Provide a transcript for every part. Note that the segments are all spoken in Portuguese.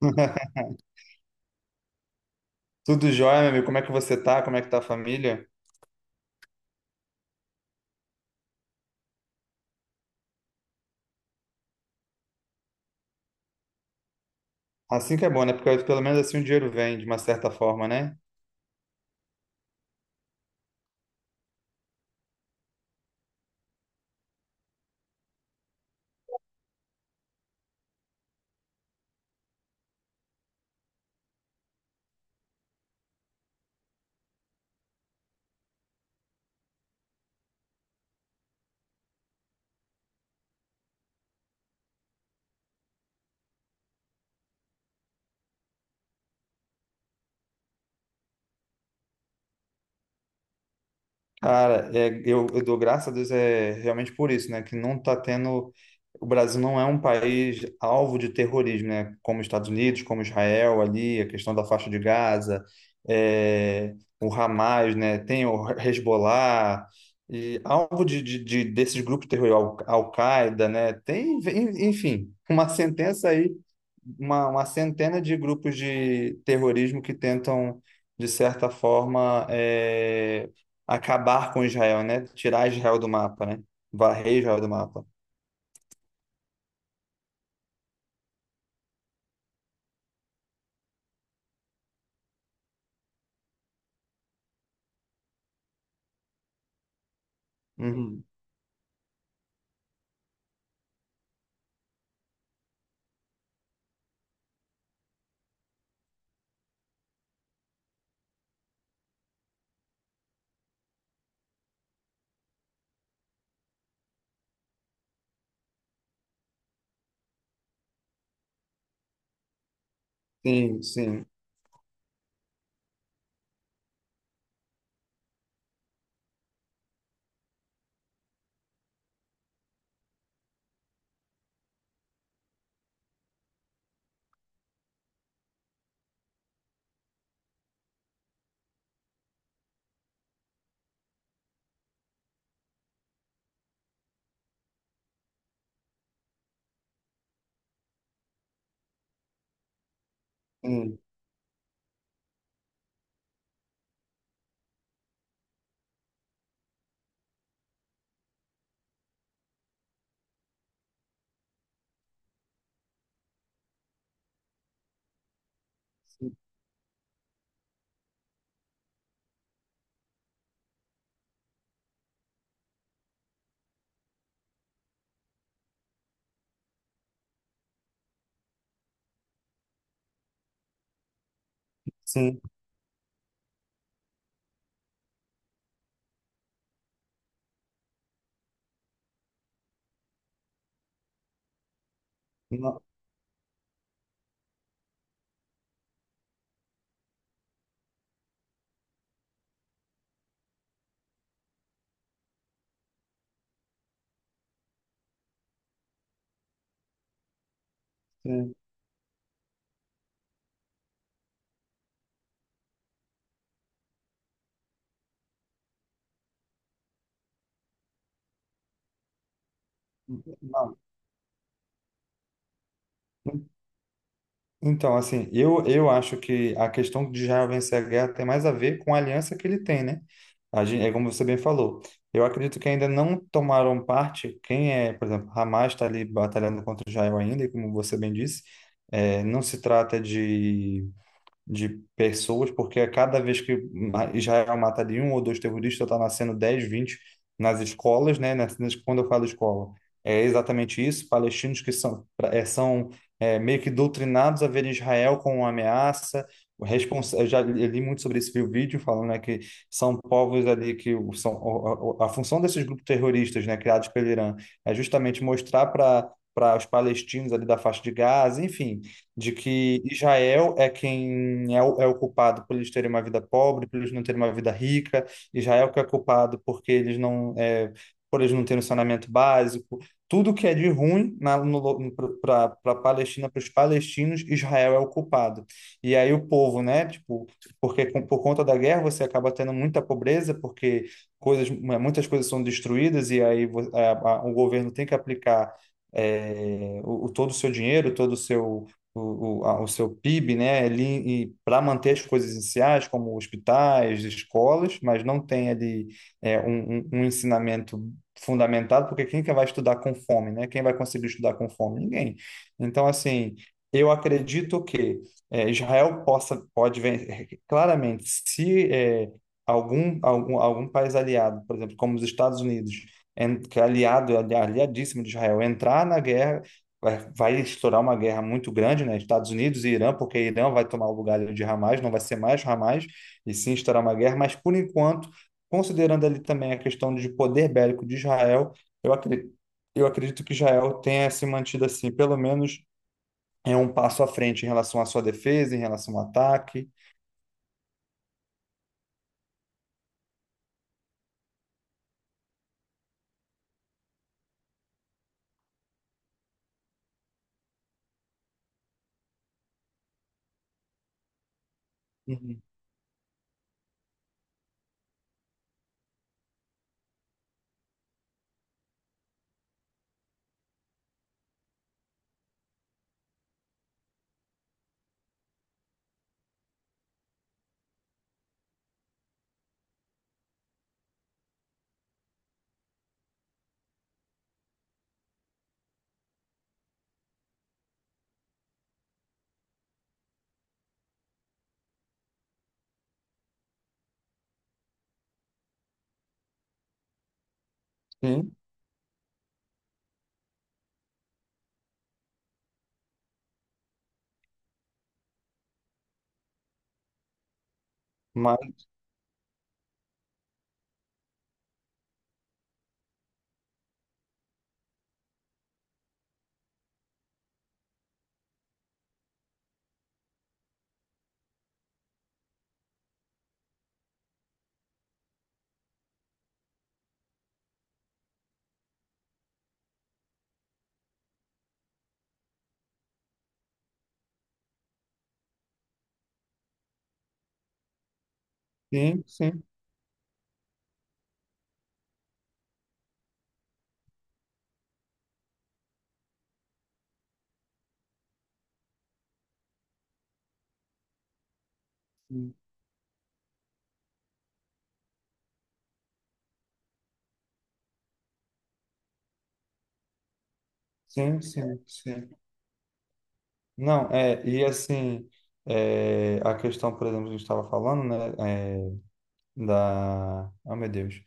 Tudo jóia, meu amigo. Como é que você tá? Como é que tá a família? Assim que é bom, né? Porque pelo menos assim o dinheiro vem, de uma certa forma, né? Cara, eu dou graças a Deus é realmente por isso, né? Que não tá tendo. O Brasil não é um país alvo de terrorismo, né? Como os Estados Unidos, como Israel ali, a questão da faixa de Gaza, é, o Hamas, né? Tem o Hezbollah, e alvo desses grupos terroristas, Al-Qaeda, né? Tem, enfim, uma sentença aí, uma centena de grupos de terrorismo que tentam, de certa forma, acabar com Israel, né? Tirar Israel do mapa, né? Varrer Israel do mapa. Uhum. Sim, sim, sim, sim, sim. Não, sim. Não. Então, assim, eu acho que a questão de Israel vencer a guerra tem mais a ver com a aliança que ele tem, né? A gente, é como você bem falou. Eu acredito que ainda não tomaram parte, quem é, por exemplo, Hamas está ali batalhando contra Israel ainda, e como você bem disse, não se trata de pessoas, porque a cada vez que Israel mata de um ou dois terroristas, está nascendo 10, 20 nas escolas, né? Quando eu falo escola, é exatamente isso. Palestinos que são, são meio que doutrinados a ver Israel como uma ameaça. O Respons... Eu já li muito sobre isso, vi o vídeo falando, né, que são povos ali que a função desses grupos terroristas, né, criados pelo Irã, é justamente mostrar para os palestinos ali da faixa de Gaza, enfim, de que Israel é quem é é o culpado por eles terem uma vida pobre, por eles não terem uma vida rica, Israel que é culpado porque eles não, por eles não terem um saneamento básico, tudo que é de ruim para a Palestina, para os palestinos, Israel é o culpado. E aí o povo, né, tipo, porque por conta da guerra você acaba tendo muita pobreza, porque coisas, muitas coisas são destruídas e aí o governo tem que aplicar todo o seu dinheiro, todo o seu o seu PIB, né, ali para manter as coisas iniciais, como hospitais, escolas, mas não tem ali um ensinamento fundamentado, porque quem que vai estudar com fome, né? Quem vai conseguir estudar com fome? Ninguém. Então, assim, eu acredito que Israel possa, pode ver claramente se é, algum país aliado, por exemplo, como os Estados Unidos, que é aliado, aliadíssimo de Israel, entrar na guerra, vai estourar uma guerra muito grande, né? Estados Unidos e Irã, porque Irã vai tomar o lugar de Hamas, não vai ser mais Hamas, e sim estourar uma guerra, mas por enquanto, considerando ali também a questão de poder bélico de Israel, eu acredito, eu acredito que Israel tenha se mantido assim, pelo menos é um passo à frente em relação à sua defesa, em relação ao ataque. Uhum. Sim, mas sim, sim, sim, sim, sim. Sim. Não, e assim, é, a questão, por exemplo, que a gente estava falando, né? Da, oh meu Deus,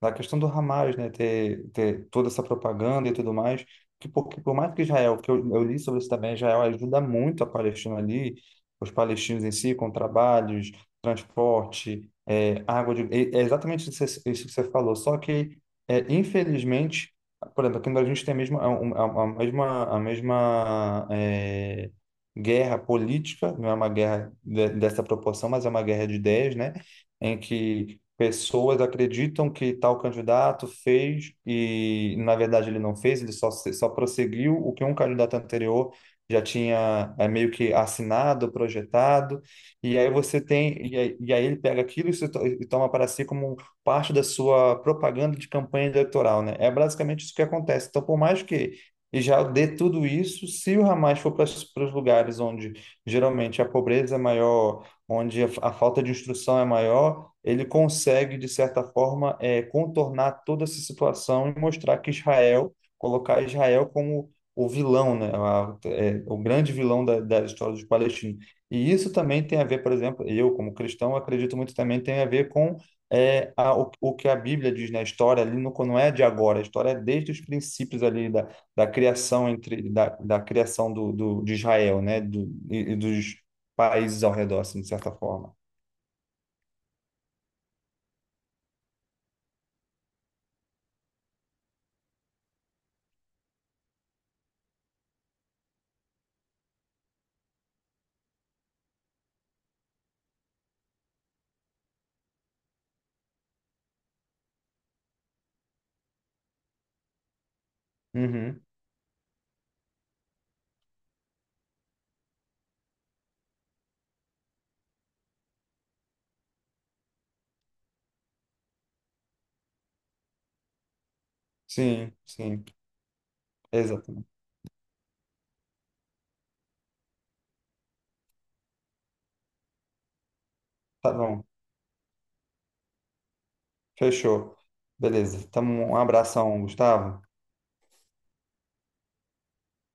da questão do Hamas, né, ter toda essa propaganda e tudo mais, que por mais que Israel, que eu li sobre isso também, Israel ajuda muito a Palestina ali, os palestinos em si, com trabalhos, transporte, água de, é é exatamente isso, isso que você falou, só que, infelizmente, por exemplo, aqui no Brasil a gente tem a mesma, a mesma, guerra política, não é uma guerra dessa proporção, mas é uma guerra de ideias, né? Em que pessoas acreditam que tal candidato fez e, na verdade, ele não fez, ele só, só prosseguiu o que um candidato anterior já tinha meio que assinado, projetado, e aí você tem, e aí ele pega aquilo e, se to- e toma para si como um parte da sua propaganda de campanha eleitoral, né? É basicamente isso que acontece. Então, por mais que já dê tudo isso, se o Hamas for para os lugares onde geralmente a pobreza é maior, onde a falta de instrução é maior, ele consegue, de certa forma, contornar toda essa situação e mostrar que Israel, colocar Israel como o vilão, né? O grande vilão da, da história dos palestinos. E isso também tem a ver, por exemplo, eu, como cristão, acredito muito também tem a ver com o que a Bíblia diz na história ali, no, não é de agora, a história é desde os princípios ali da, da criação entre da, da criação de Israel, né? E dos países ao redor, assim, de certa forma. Uhum. Sim, sim. Exatamente. Tá bom. Fechou. Beleza. Então, um abração, Gustavo.